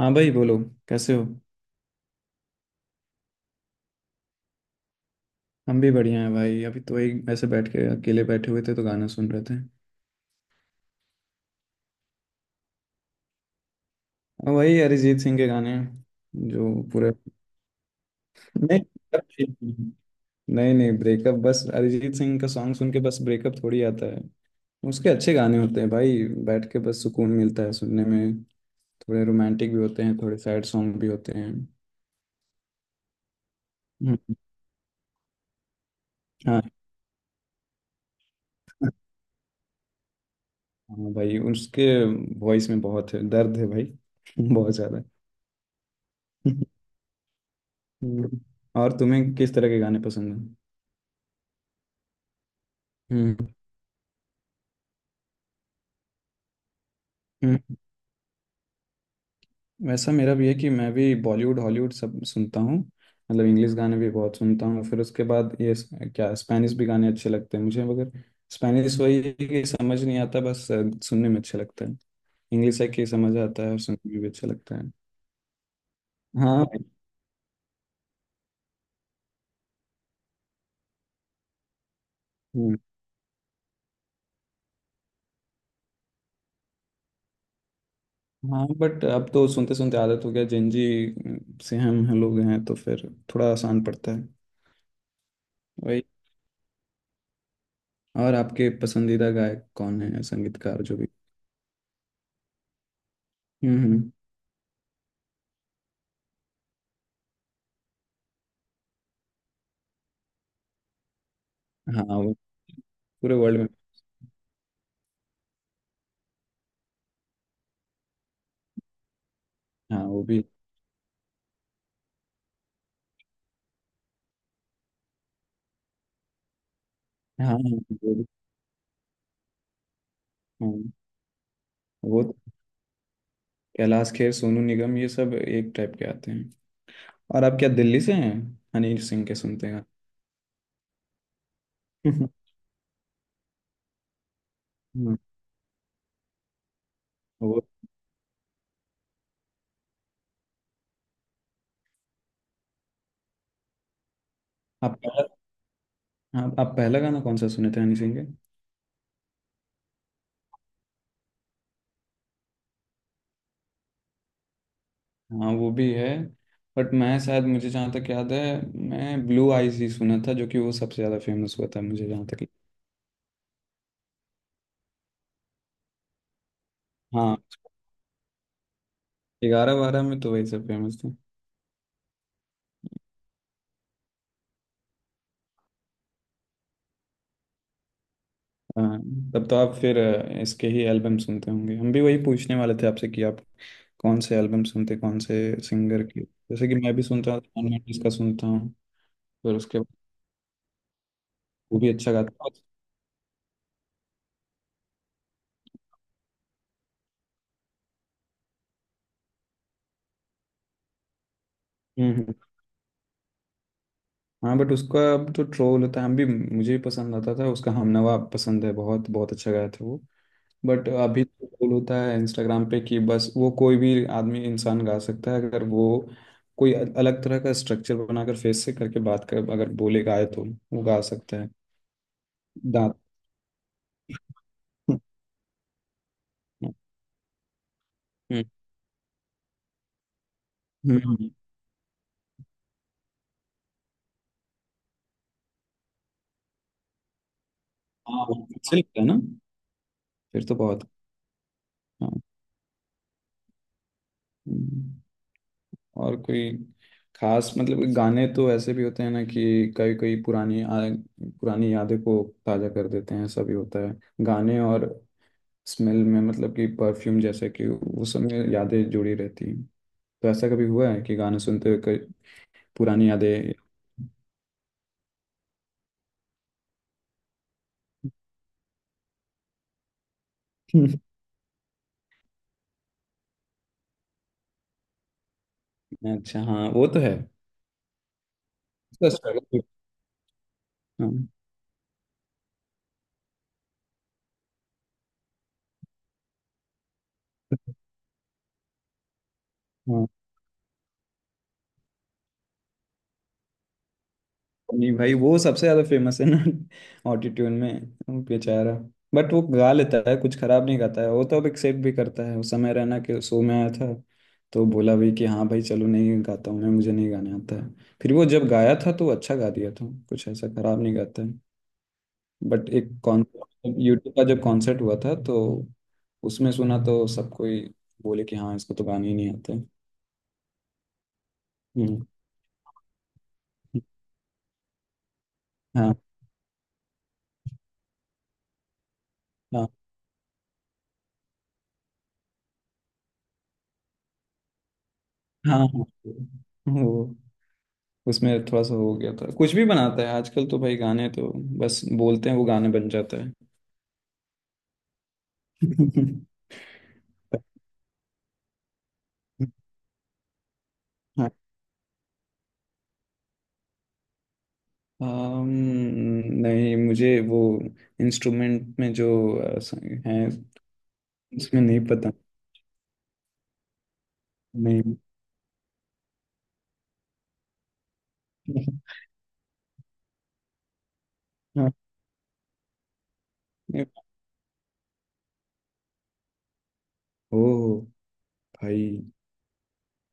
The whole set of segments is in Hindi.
हाँ भाई, बोलो। कैसे हो? हम भी बढ़िया हैं भाई। अभी तो वही ऐसे बैठ के अकेले बैठे हुए थे, तो गाना सुन रहे थे। और वही अरिजीत सिंह के गाने। जो पूरे। नहीं नहीं नहीं, ब्रेकअप बस अरिजीत सिंह का सॉन्ग सुन के बस ब्रेकअप थोड़ी आता है। उसके अच्छे गाने होते हैं भाई, बैठ के बस सुकून मिलता है सुनने में। थोड़े रोमांटिक भी होते हैं, थोड़े सैड सॉन्ग भी होते हैं। हम्म, हाँ। हाँ भाई, उसके वॉइस में बहुत है दर्द है भाई। बहुत ज़्यादा। हम्म। और तुम्हें किस तरह के गाने पसंद हैं? हम्म हम्म। वैसा मेरा भी है कि मैं भी बॉलीवुड हॉलीवुड सब सुनता हूँ। मतलब इंग्लिश गाने भी बहुत सुनता हूँ। फिर उसके बाद ये क्या स्पेनिश भी गाने अच्छे लगते हैं मुझे, मगर स्पेनिश वही है कि समझ नहीं आता, बस सुनने में अच्छा लगता है। इंग्लिश है कि समझ आता है और सुनने में भी अच्छा लगता है। हाँ। हम्म। हाँ बट अब तो सुनते सुनते आदत हो गया। जेंजी से हम लोग हैं, तो फिर थोड़ा आसान पड़ता है। वही। और आपके पसंदीदा गायक कौन है, संगीतकार जो भी? हम्म हम्म, हाँ वो पूरे वर्ल्ड में। हाँ वो भी। हाँ हाँ, वो भी। हाँ वो तो। कैलाश खेर, सोनू निगम, ये सब एक टाइप के आते हैं। और आप क्या दिल्ली से हैं? हनी सिंह के सुनते हैं आप? हम्म, वो आप पहला आप पहला गाना कौन सा सुने थे हनी सिंह के? हाँ वो भी है। बट मैं, शायद मुझे जहाँ तक याद है, मैं ब्लू आईज ही सुना था, जो कि वो सबसे ज़्यादा फेमस हुआ था मुझे जहाँ तक। हाँ। 11-12 में तो वही सब फेमस था। हाँ, तब तो आप फिर इसके ही एल्बम सुनते होंगे। हम भी वही पूछने वाले थे आपसे कि आप कौन से एल्बम सुनते, कौन से सिंगर के। जैसे कि मैं भी सुनता हूँ, जॉन मेंडिस का सुनता हूँ। फिर उसके बाद। वो भी अच्छा गाता है। हम्म हम्म। हाँ बट उसका अब तो ट्रोल होता है। हम भी, मुझे भी पसंद आता था उसका। हमनवा पसंद है, बहुत बहुत अच्छा गाया था वो। बट अभी तो ट्रोल होता है इंस्टाग्राम पे कि बस वो कोई भी आदमी, इंसान गा सकता है, अगर वो कोई अलग तरह का स्ट्रक्चर बनाकर फेस से करके बात कर, अगर बोले गाए, तो वो गा सकता है। हम्म हम्म, हम्म, हम्म। हाँ। अच्छा लगता है ना? फिर तो बहुत। हाँ। हम्म, और कोई खास, मतलब गाने तो ऐसे भी होते हैं ना कि कई कई पुरानी पुरानी यादें को ताजा कर देते हैं। ऐसा भी होता है गाने। और स्मेल में, मतलब कि परफ्यूम, जैसे कि वो सब में यादें जुड़ी रहती हैं। तो ऐसा कभी हुआ है कि गाने सुनते हुए कई पुरानी यादें? अच्छा, हाँ वो तो है। उसका struggle भी-। हाँ। नहीं भाई, वो सबसे ज्यादा फेमस है ना। ऑटिट्यूड में। वो बेचारा। बट वो गा लेता है, कुछ खराब नहीं गाता है। वो तो अब एक्सेप्ट भी करता है, उस समय रहना के शो में आया था तो बोला भी कि हाँ भाई चलो, नहीं गाता हूँ मैं, मुझे नहीं गाने आता है। फिर वो जब गाया था, तो अच्छा गा दिया था। कुछ ऐसा खराब नहीं गाता है। बट एक कॉन्सर्ट, यूट्यूब का जब कॉन्सर्ट हुआ था, तो उसमें सुना तो सब कोई बोले कि हाँ, इसको तो गाने ही नहीं आते। हम्म। हाँ हाँ। हाँ हाँ वो। उसमें थोड़ा सा हो गया था, कुछ भी बनाता है आजकल तो भाई। गाने तो बस बोलते हैं, वो गाने बन जाता है। हाँ। अम, नहीं, मुझे वो इंस्ट्रूमेंट में जो अ, स- है, उसमें नहीं पता। नहीं। हाँ, नहीं। ओ भाई,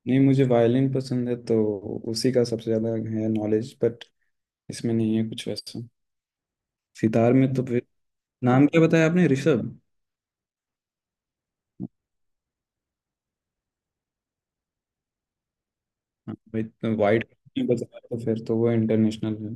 नहीं, मुझे वायलिन पसंद है तो उसी का सबसे ज्यादा है नॉलेज। बट इसमें नहीं है कुछ वैसा। सितार में तो फिर, नाम क्या बताया आपने? ऋषभ। वाइड बजाया, तो फिर तो वो इंटरनेशनल है।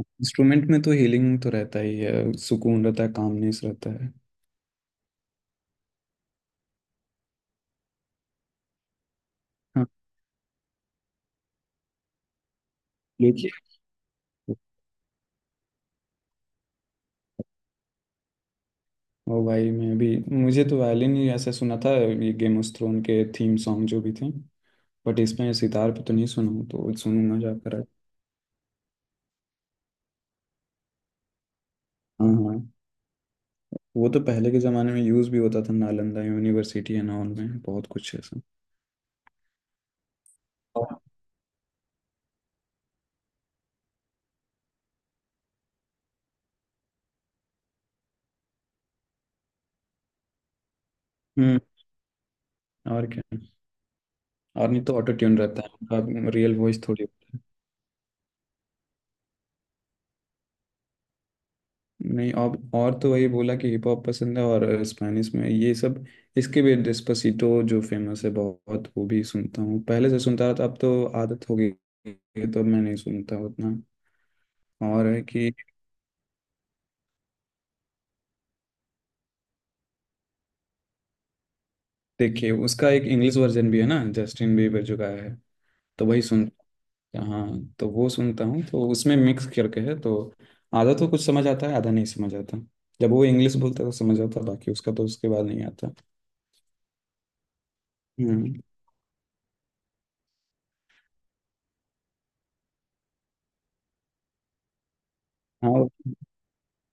इंस्ट्रूमेंट में तो हीलिंग तो रहता ही है, सुकून रहता है, कामनेस रहता है। हाँ। लेकिन। ओ भाई, मैं भी, मुझे तो वायलिन ही ऐसा सुना था, ये गेम ऑफ थ्रोन के थीम सॉन्ग जो भी थे। बट इसमें सितार पे तो नहीं सुना हूं, तो सुनूंगा जाकर आज। हाँ हाँ, वो तो पहले के ज़माने में यूज़ भी होता था। नालंदा यूनिवर्सिटी एंड ऑल में बहुत कुछ ऐसा। हम्म। और क्या, और नहीं तो ऑटो ट्यून रहता है, उनका रियल वॉइस थोड़ी होता। नहीं, और तो वही बोला कि हिप हॉप पसंद है, और स्पेनिश में ये सब। इसके भी डेस्पासितो जो फेमस है बहुत, वो भी सुनता हूँ। पहले से सुनता था, अब तो आदत हो गई है, तो अब मैं नहीं सुनता उतना। और है कि, देखिए उसका एक इंग्लिश वर्जन भी है ना, जस्टिन बीबर जो गाया है, तो वही सुनता। हाँ, तो वो सुनता हूँ, तो उसमें मिक्स करके है, तो आधा तो कुछ समझ आता है, आधा नहीं समझ आता। जब वो इंग्लिश बोलता है तो समझ आता, बाकी उसका तो उसके बाद नहीं आता। हम्म। हाँ,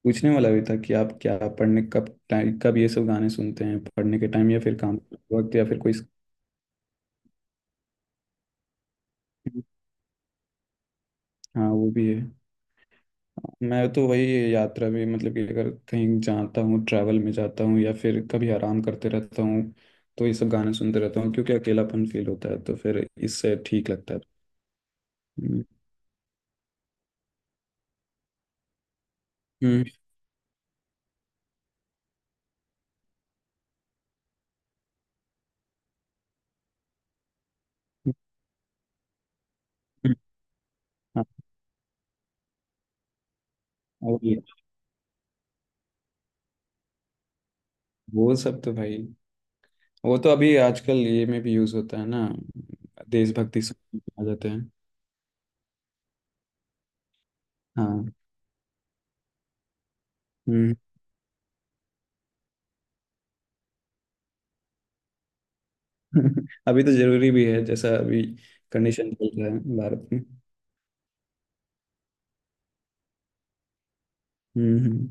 पूछने वाला भी था कि आप क्या पढ़ने कब, टाइम कब ये सब गाने सुनते हैं, पढ़ने के टाइम या फिर काम करते वक्त या फिर कोई? हाँ वो भी है। मैं तो वही यात्रा में, मतलब कि अगर कहीं जाता हूँ, ट्रैवल में जाता हूँ, या फिर कभी आराम करते रहता हूँ, तो ये सब गाने सुनते रहता हूँ। क्योंकि अकेलापन फील होता है, तो फिर इससे ठीक लगता है। हम्म, हम्म, हम्म, हाँ, और ये-। वो सब तो भाई, वो तो अभी आजकल ये में भी यूज होता है ना, देशभक्ति सॉन्ग आ जाते हैं। हाँ। हम्म। अभी तो जरूरी भी है, जैसा अभी कंडीशन चल रहा है भारत में। हम्म हम्म।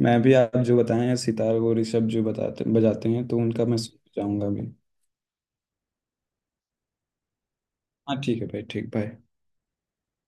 मैं भी आप जो बताएं, सितार और ऋषभ जो बताते बजाते हैं, तो उनका मैं सुनना चाहूंगा अभी। हाँ ठीक है भाई, ठीक भाई।